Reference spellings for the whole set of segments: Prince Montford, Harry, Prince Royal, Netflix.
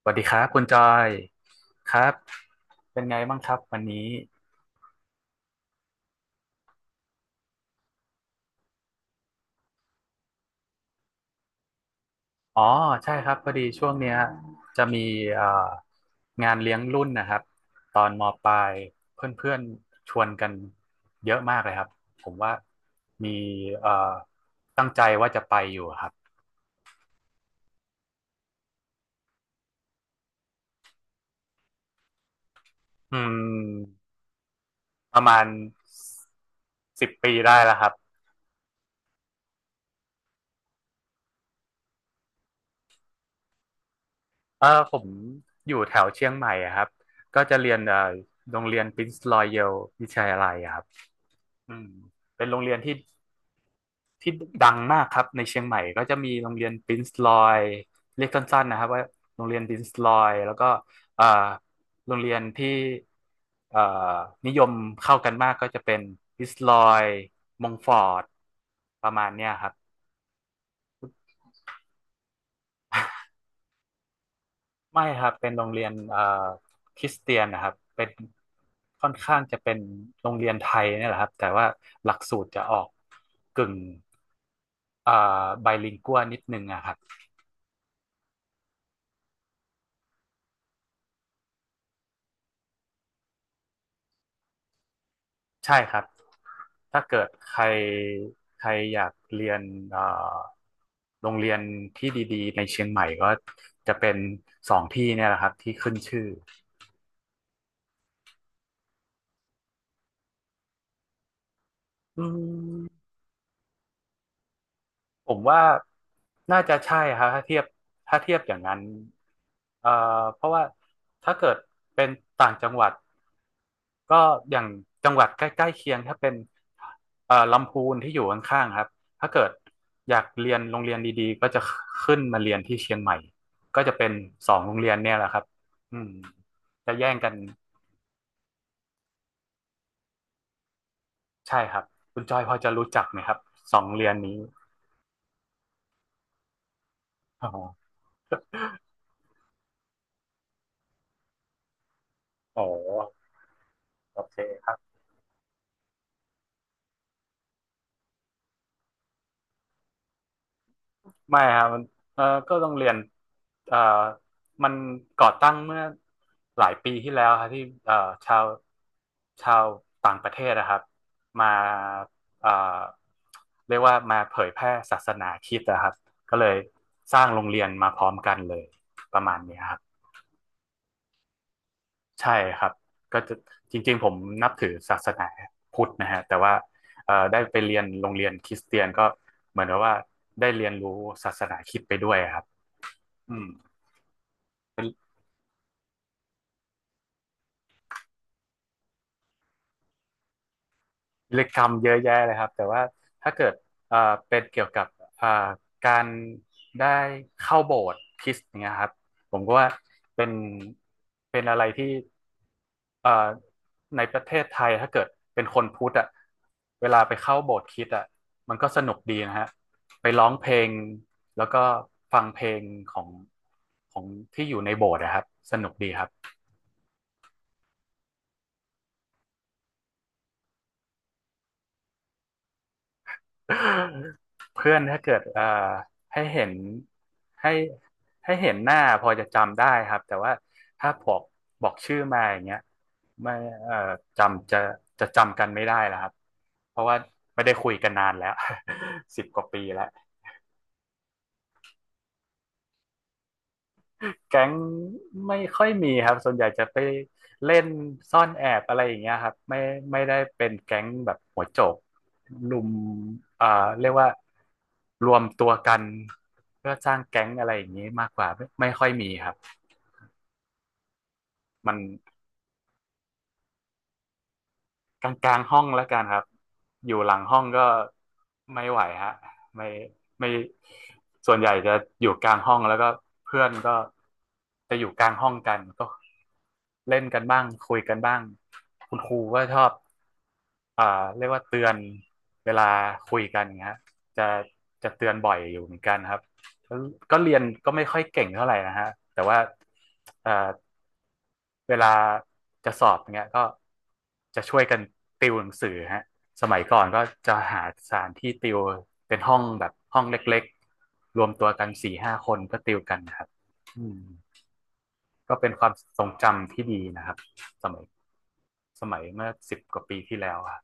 สวัสดีครับคุณจอยครับเป็นไงบ้างครับวันนี้อ๋อใช่ครับพอดีช่วงเนี้ยจะมีเอ่องานเลี้ยงรุ่นนะครับตอนมปลายเพื่อนๆชวนกันเยอะมากเลยครับผมว่ามีเอ่อตั้งใจว่าจะไปอยู่ครับอืมประมาณ10 ปีได้แล้วครับเออผมอยู่แถวเชียงใหม่อะครับก็จะเรียนโรงเรียน Prince Royal วิทยาลัยอะครับ อืมเป็นโรงเรียนที่ดังมากครับในเชียงใหม่ก็จะมีโรงเรียนปรินซ์ลอยเรียกสั้นๆนะครับว่าโรงเรียนปรินซ์ลอยแล้วก็เอ่อโรงเรียนที่เอ่อนิยมเข้ากันมากก็จะเป็นปรินซ์ลอยมงฟอร์ดประมาณเนี้ยครับไม่ครับเป็นโรงเรียนคริสเตียนนะครับเป็นค่อนข้างจะเป็นโรงเรียนไทยเนี่ยแหละครับแต่ว่าหลักสูตรจะออกกึ่งเอ่อไบลิงกัวนิดนึงอะครับ ใช่ครับ ถ้าเกิดใครใครอยากเรียนเอ่อโรงเรียนที่ดีๆในเชียงใหม่ก็จะเป็นสองที่เนี่ยแหละครับที่ขึ้นชื่ออืม ผมว่าน่าจะใช่ครับถ้าเทียบอย่างนั้นเอ่อเพราะว่าถ้าเกิดเป็นต่างจังหวัดก็อย่างจังหวัดใกล้ๆเคียงถ้าเป็นลำพูนที่อยู่ข้างๆครับถ้าเกิดอยากเรียนโรงเรียนดีๆก็จะขึ้นมาเรียนที่เชียงใหม่ก็จะเป็นสองโรงเรียนเนี่ยแหละครับอืมจะแย่งกันใช่ครับคุณจอยพอจะรู้จักไหมครับสองโรงเรียนนี้อ๋ออ๋อโอเคครับ ไม่ครับมันเออก็โรงเรียนเออมันก่อตั้งเมื่อหลายปีที่แล้วครับที่เออชาวชาวต่างประเทศนะครับมาเออเรียกว่ามาเผยแพร่ศาสนาคริสต์นะครับก็เลยสร้างโรงเรียนมาพร้อมกันเลยประมาณนี้ครับใช่ครับก็จะจริงๆผมนับถือศาสนาพุทธนะฮะแต่ว่าได้ไปเรียนโรงเรียนคริสเตียนก็เหมือนกับว่าได้เรียนรู้ศาสนาคริสต์ไปด้วยครับอืม เรียกรำเยอะแยะเลยครับแต่ว่าถ้าเกิดเอ่อเป็นเกี่ยวกับเอ่อการได้เข้าโบสถ์คริสต์อย่างเงี้ยครับผมก็ว่าเป็นเป็นอะไรที่เอ่อในประเทศไทยถ้าเกิดเป็นคนพุทธอ่ะเวลาไปเข้าโบสถ์คริสต์อ่ะมันก็สนุกดีนะฮะไปร้องเพลงแล้วก็ฟังเพลงของของที่อยู่ในโบสถ์นะครับสนุกดีครับ เพื่อนถ้าเกิดให้เห็นให้ให้เห็นหน้าพอจะจำได้ครับแต่ว่าถ้าบอกชื่อมาอย่างเงี้ยไม่เอ่อจำจะจะจำกันไม่ได้แล้วครับเพราะว่าไม่ได้คุยกันนานแล้ว 10 กว่าปีแล้ว แก๊งไม่ค่อยมีครับส่วนใหญ่จะไปเล่นซ่อนแอบอะไรอย่างเงี้ยครับไม่ได้เป็นแก๊งแบบหัวโจกลุมเอ่อเรียกว่ารวมตัวกันเพื่อสร้างแก๊งอะไรอย่างนี้มากกว่าไม่ค่อยมีครับมัน กลางห้องแล้วกันครับอยู่หลังห้องก็ไม่ไหวฮะไม่ไม่ส่วนใหญ่จะอยู่กลางห้องแล้วก็เพื่อนก็จะอยู่กลางห้องกันก็เล่นกันบ้างคุยกันบ้างคุณครูก็ชอบอ่าเรียกว่าเตือนเวลาคุยกันนะฮะจะจะเตือนบ่อยอยู่เหมือนกันครับก็ก็เรียนก็ไม่ค่อยเก่งเท่าไหร่นะฮะแต่ว่าเอ่อ เวลาจะสอบเงี้ยก็จะช่วยกันติวหนังสือฮะสมัยก่อนก็จะหาสถานที่ติวเป็นห้องแบบห้องเล็กๆรวมตัวกันสี่ห้าคนก็ติวกันนะครับอืมก็เป็นความทรงจำที่ดีนะครับสมัยสมัยเมื่อสิบกว่าปีที่แล้วอะ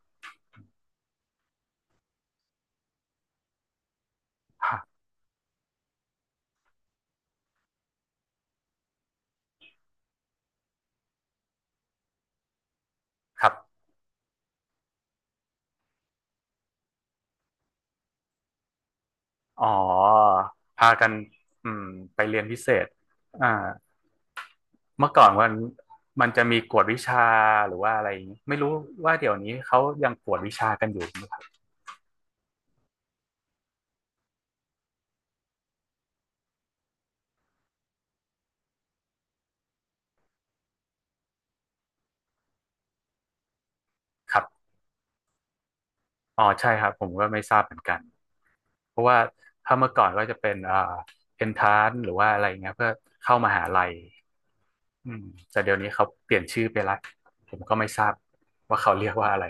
ครับ อ๋อพากันอืมไปเรียนพิเศษอ่าเมื่อก่อนมันจะมีกวดวิชาหรือว่าอะไรอย่างงี้ไม่รู้ว่าเดี๋ยวนี้เขายังกวดวิชากันอยู่ไหม ครับอ๋อใช่ครับผมก็ไม่ทราบเหมือนกันเพราะว่าถ้าเมื่อก่อนก็จะเป็นเอนทานหรือว่าอะไรเงี้ยเพื่อเข้ามหาลัยอืมแต่เดี๋ยวนี้เขาเปลี่ยนชื่อไปละผมก็ไม่ทราบว่าเขาเรียกว่าอะไร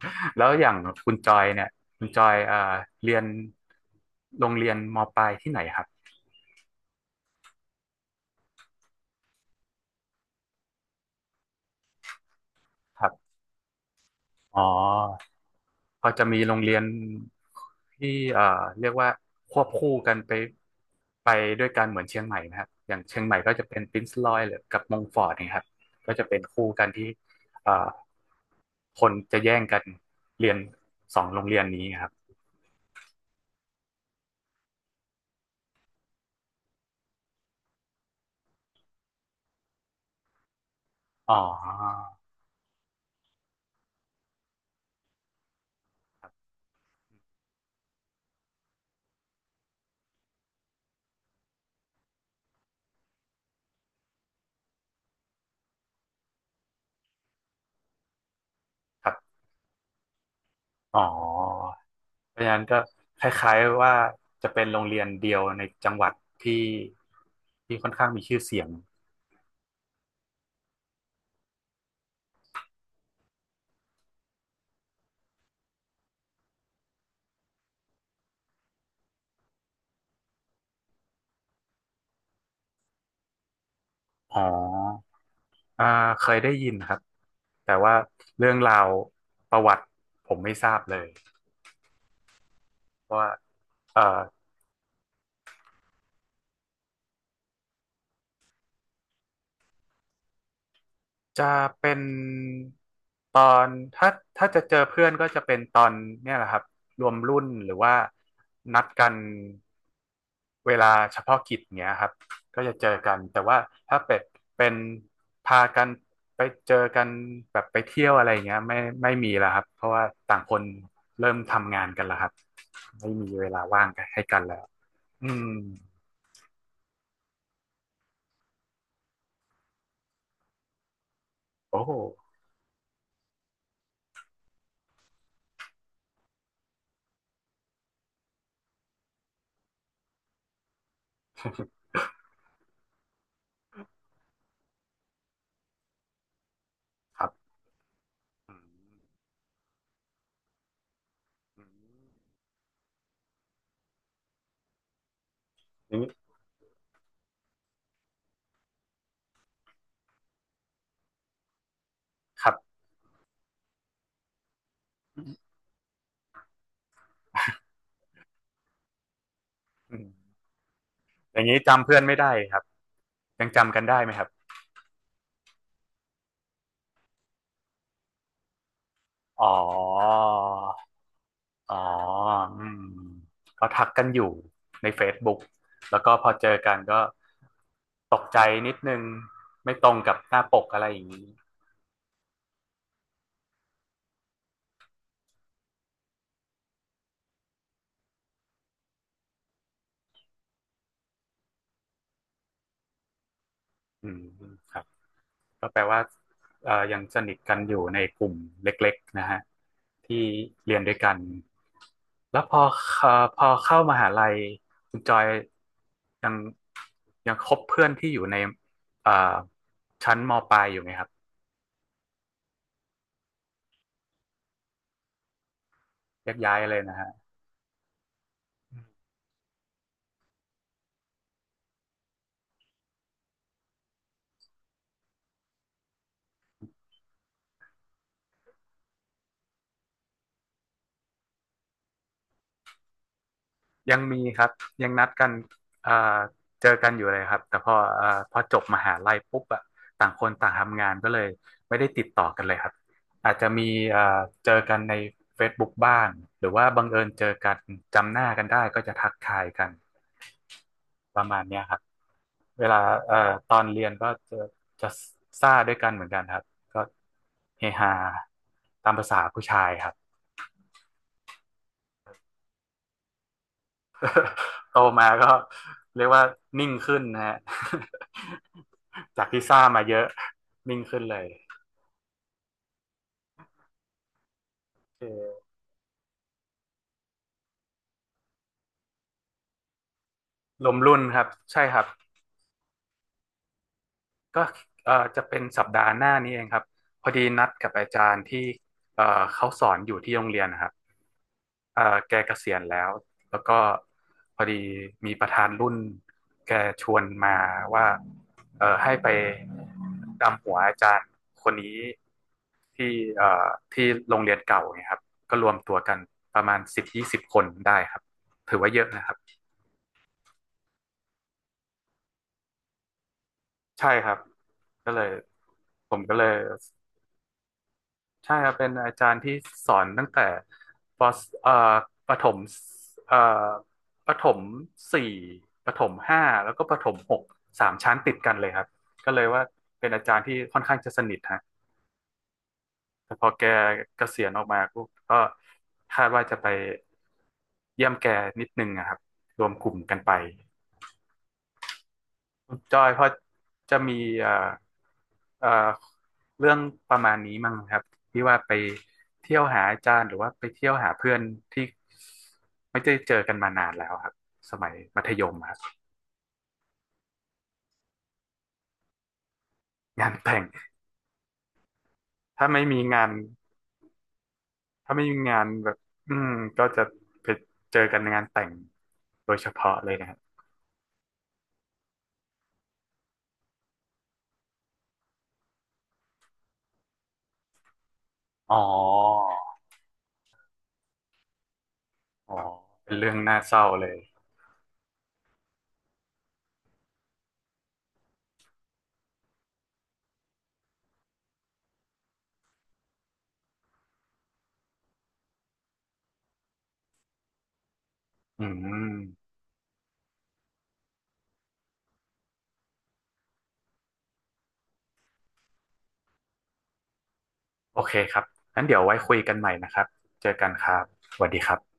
แล้วอย่างคุณจอยเนี่ยคุณจอยเรียนโรงเรียนมปลายที่ไหนครับครับอ๋อ พอจะมีโรงเรียนที่เอ่อเรียกว่าควบคู่กันไปด้วยกันเหมือนเชียงใหม่นะครับอย่างเชียงใหม่ก็จะเป็นปรินซ์รอยหรือกับมงฟอร์ดนะครับก็จะเป็นคู่กันที่เอ่อคนจะแย่งกันเรียนสองโรงเรียนนี้ครับอ๋อครับอ๋อเพราะฉะนั้นก็คล้ายๆว่าจะเป็นโรงเรียนเดียวในจังหวัดที่ที่ค่อนข้างมีชื่อเสียงอ๋ออ่าเคยได้ยินครับ แต่ว่าเรื่องราวประวัติผมไม่ทราบเลยเพราะว่าเอ่อจะเป็นตอนถ้าถ้าจะเจอเพื่อนก็จะเป็นตอนเนี่ยแหละครับรวมรุ่นหรือว่านัดกันเวลาเฉพาะกิจเนี้ยครับก็จะเจอกันแต่ว่าถ้าเป็ดเป็นพากันไปเจอกันแบบไปเที่ยวอะไรเงี้ยไม่มีแล้วครับเพราะว่าต่างคนเริ่มทำงานกันแล้วครับไม่มีเวลาว่างให้กันแล้วอืม โอ้ครับอืมอืมอย่างนี้ครับอืมอย่างนี้จำเพื่อนไม่ได้ครับยังจำกันได้ไหมครับอ๋ออ๋ออืมก็ทักกันอยู่ใน Facebook แล้วก็พอเจอกันก็ตกใจนิดนึงไม่ตรงกับหน้าปกอะไรอย่างนี้อืมครับก็แปลว่ายังสนิทกันอยู่ในกลุ่มเล็กๆนะฮะที่เรียนด้วยกัน แล้วพอเอ่อพอเข้ามหาลัยคุณจอยยังยังคบเพื่อนที่อยู่ในเอ่อชั้นมปลายอยู่ไหมครับแยกย้ายเลยนะฮะยังมีครับยังนัดกันเอ่อเจอกันอยู่เลยครับแต่พอพอจบมหาลัยปุ๊บอะต่างคนต่างทำงานก็เลยไม่ได้ติดต่อกันเลยครับอาจจะมีเอ่อเจอกันใน Facebook บกบ้างหรือว่าบังเอิญเจอกันจำหน้ากันได้ก็จะทักทายกัน ประมาณเนี้ยครับ เวลาเอ่อตอนเรียนก็จะซ่าด้วยกันเหมือนกันครับ ก็เฮฮาตามภาษาผู้ชายครับ โตมาก็เรียกว่านิ่งขึ้นนะฮะ จากที่ซ่ามาเยอะนิ่งขึ้นเลยลอรวมรุ่นครับใช่ครับ ก็จะเป็นสัปดาห์หน้านี้เองครับพอดีนัดกับอาจารย์ที่เขาสอนอยู่ที่โรงเรียนนะครับแกเกษียณแล้วแล้วก็พอดีมีประธานรุ่นแกชวนมาว่าให้ไปดำหัวอาจารย์คนนี้ที่เอ่อที่โรงเรียนเก่าเนี่ยครับก็รวมตัวกันประมาณสิบยี่สิบคนได้ครับถือว่าเยอะนะครับใช่ครับก็เลยผมก็เลย ใช่ครับเป็นอาจารย์ที่สอนตั้งแต่ปสเอ่อประถมเอ่อประถมสี่ประถมห้าแล้วก็ประถมหกสามชั้นติดกันเลยครับก็เลยว่าเป็นอาจารย์ที่ค่อนข้างจะสนิทฮะแต่พอแกเกษียณออกมาปุ๊บก็คาดว่าจะไปเยี่ยมแกนิดนึงนะครับรวมกลุ่มกันไป คุณจอยพอจะมีเอ่อเอ่อเรื่องประมาณนี้มั้งครับที่ว่าไปเที่ยวหาอาจารย์หรือว่าไปเที่ยวหาเพื่อนที่ไม่ได้เจอกันมานานแล้วครับสมัยมัธยมครับงานแต่งถ้าไม่มีงานถ้าไม่มีงานแบบอืมก็จะไปเจอกันในงานแต่งโดยเฉพาะเลยนะครับอ๋ออ๋อเป็นเรื่องน่าเศร้าเลยอืมโอเคครับงั้นเดี๋ยวไว้คุยกันใหม่นะครับเจอกันครับสวัสดีครับ